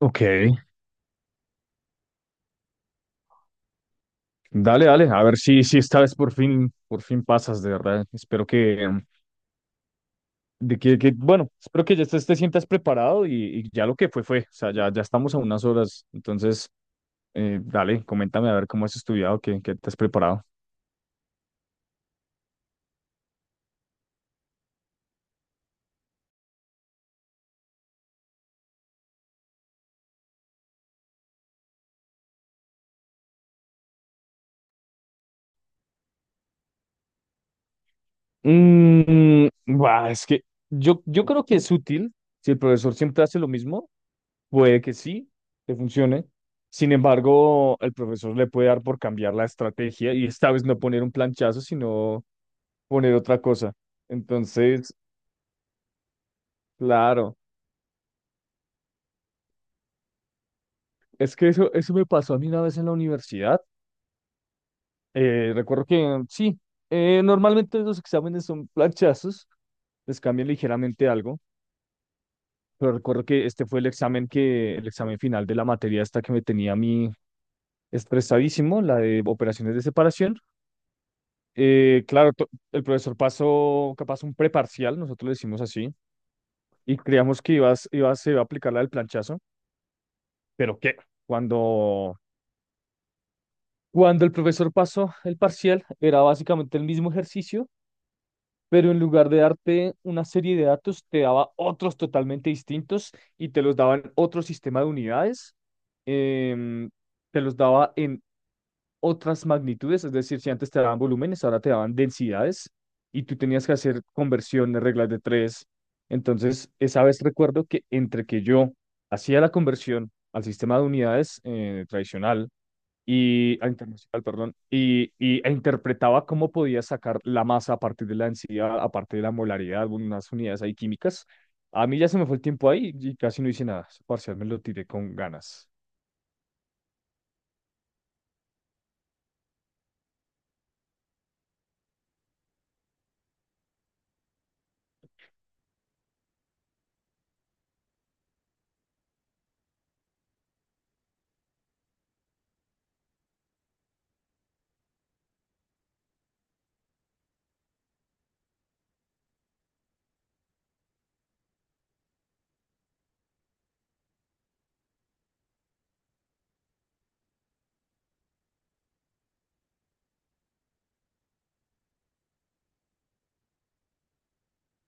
Ok, dale, dale, a ver si esta vez por fin pasas, de verdad. Espero que, de que, bueno, espero que ya estés te sientas preparado y ya lo que fue, fue. O sea, ya estamos a unas horas. Entonces, dale, coméntame a ver cómo has estudiado, qué te has preparado. Bah, es que yo creo que es útil. Si el profesor siempre hace lo mismo, puede que sí, te funcione. Sin embargo, el profesor le puede dar por cambiar la estrategia y esta vez no poner un planchazo, sino poner otra cosa. Entonces, claro, es que eso me pasó a mí una vez en la universidad. Recuerdo que sí, normalmente los exámenes son planchazos, les cambian ligeramente algo, pero recuerdo que este fue el examen el examen final de la materia esta que me tenía a mí estresadísimo, la de operaciones de separación. Claro, el profesor pasó capaz un preparcial, nosotros le decimos así, y creíamos que se iba a aplicar la del planchazo, pero que cuando cuando el profesor pasó el parcial, era básicamente el mismo ejercicio, pero en lugar de darte una serie de datos, te daba otros totalmente distintos y te los daba en otro sistema de unidades, em, te los daba en otras magnitudes, es decir, si antes te daban volúmenes, ahora te daban densidades y tú tenías que hacer conversiones, reglas de tres. Entonces, esa vez recuerdo que entre que yo hacía la conversión al sistema de unidades tradicional, y a internacional, perdón, e interpretaba cómo podía sacar la masa a partir de la densidad, a partir de la molaridad, unas unidades ahí químicas. A mí ya se me fue el tiempo ahí y casi no hice nada. Ese parcial me lo tiré con ganas.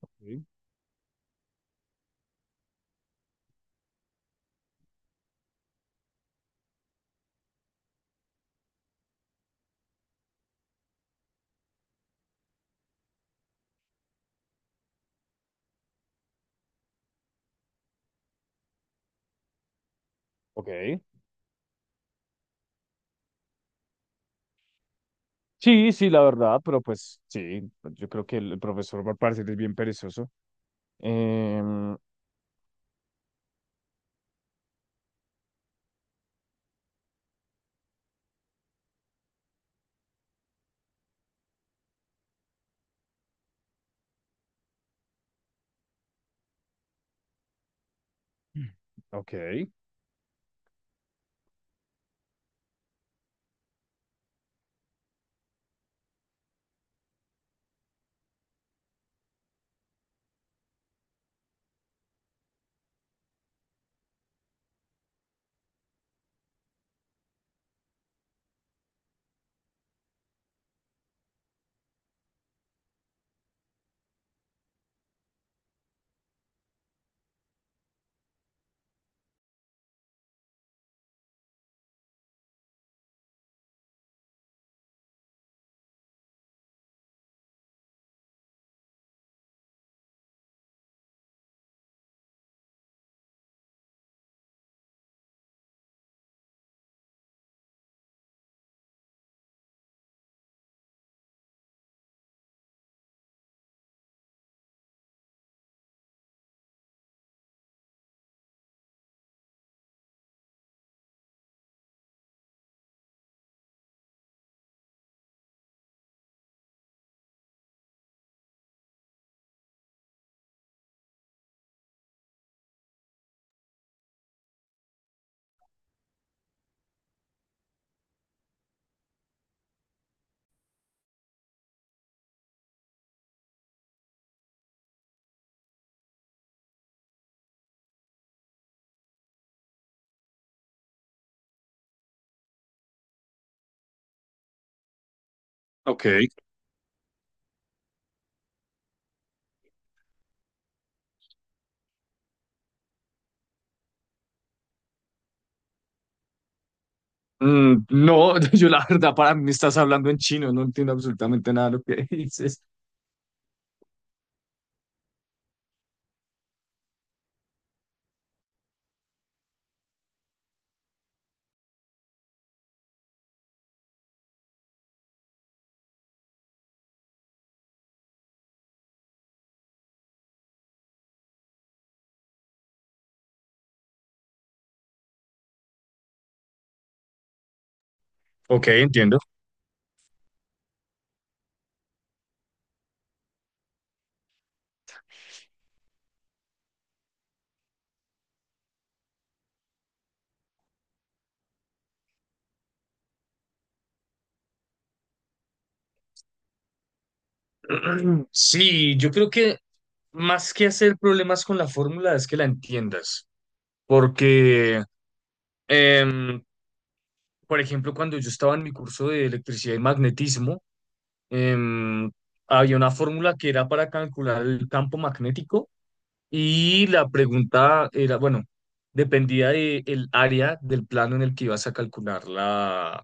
Ok. Ok. Sí, sí, la verdad, pero pues sí, yo creo que el profesor va a parecer es bien perezoso. Em, ok. Ok. Mm, no, yo la verdad, para mí me estás hablando en chino, no entiendo absolutamente nada de lo que dices. Ok, entiendo. Sí, yo creo que más que hacer problemas con la fórmula es que la entiendas, porque, em, por ejemplo, cuando yo estaba en mi curso de electricidad y magnetismo, em, había una fórmula que era para calcular el campo magnético y la pregunta era, bueno, dependía de el área del plano en el que ibas a calcular la,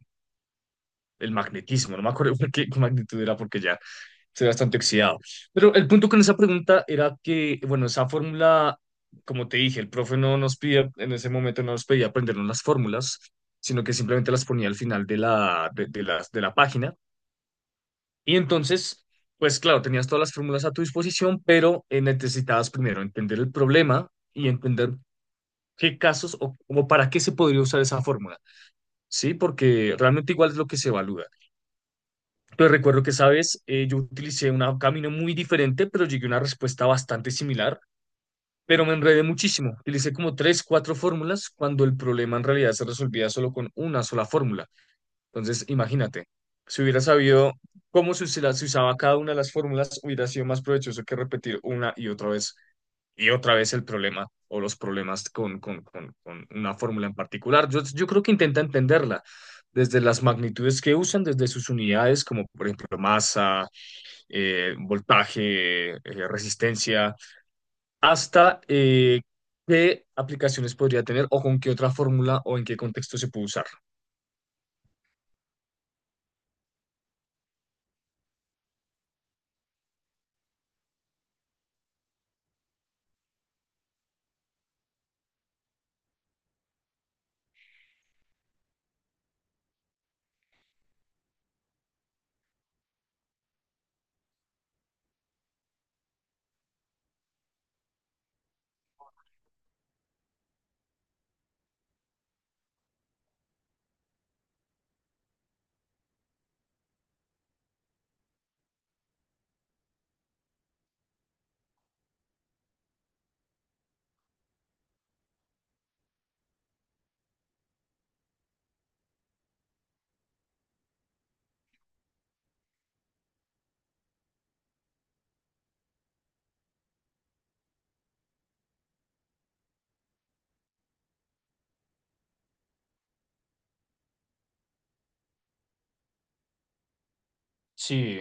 el magnetismo. No me acuerdo qué magnitud era porque ya. Estoy bastante oxidado. Pero el punto con esa pregunta era que, bueno, esa fórmula, como te dije, el profe no nos pide, en ese momento no nos pedía aprendernos las fórmulas, sino que simplemente las ponía al final de de la página. Y entonces, pues claro, tenías todas las fórmulas a tu disposición, pero necesitabas primero entender el problema y entender qué casos o para qué se podría usar esa fórmula, ¿sí? Porque realmente igual es lo que se evalúa. Pues recuerdo que, sabes, yo utilicé un camino muy diferente, pero llegué a una respuesta bastante similar, pero me enredé muchísimo. Utilicé como tres, cuatro fórmulas cuando el problema en realidad se resolvía solo con una sola fórmula. Entonces, imagínate, si hubiera sabido cómo se usaba cada una de las fórmulas, hubiera sido más provechoso que repetir una y otra vez el problema o los problemas con una fórmula en particular. Yo creo que intenta entenderla desde las magnitudes que usan, desde sus unidades, como por ejemplo masa voltaje, resistencia, hasta qué aplicaciones podría tener o con qué otra fórmula o en qué contexto se puede usar. Sí,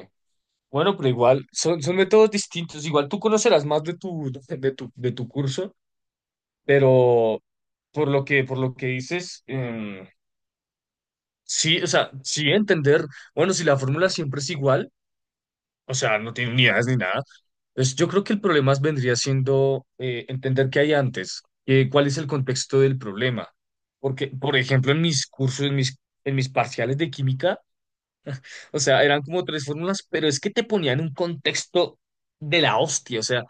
bueno, pero igual son, son métodos distintos. Igual tú conocerás más de de tu curso, pero por lo que dices, sí, o sea, sí entender, bueno, si la fórmula siempre es igual. O sea, no tiene unidades ni nada. Entonces, yo creo que el problema vendría siendo entender qué hay antes, cuál es el contexto del problema. Porque, por ejemplo, en mis cursos, en mis parciales de química, o sea, eran como tres fórmulas, pero es que te ponían un contexto de la hostia, o sea,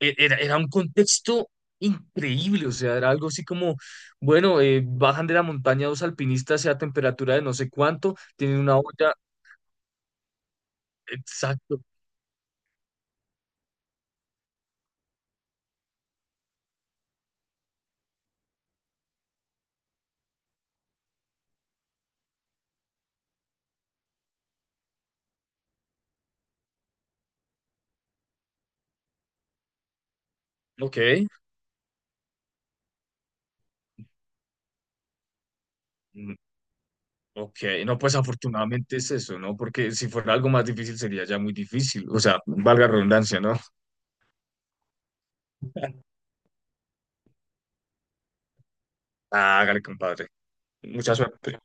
era un contexto increíble, o sea, era algo así como, bueno, bajan de la montaña dos alpinistas a temperatura de no sé cuánto, tienen una olla, exacto, ok. Mm, ok, no, pues afortunadamente es eso, ¿no? Porque si fuera algo más difícil sería ya muy difícil. O sea, valga la redundancia, ¿no? Ah, hágale, compadre. Mucha suerte.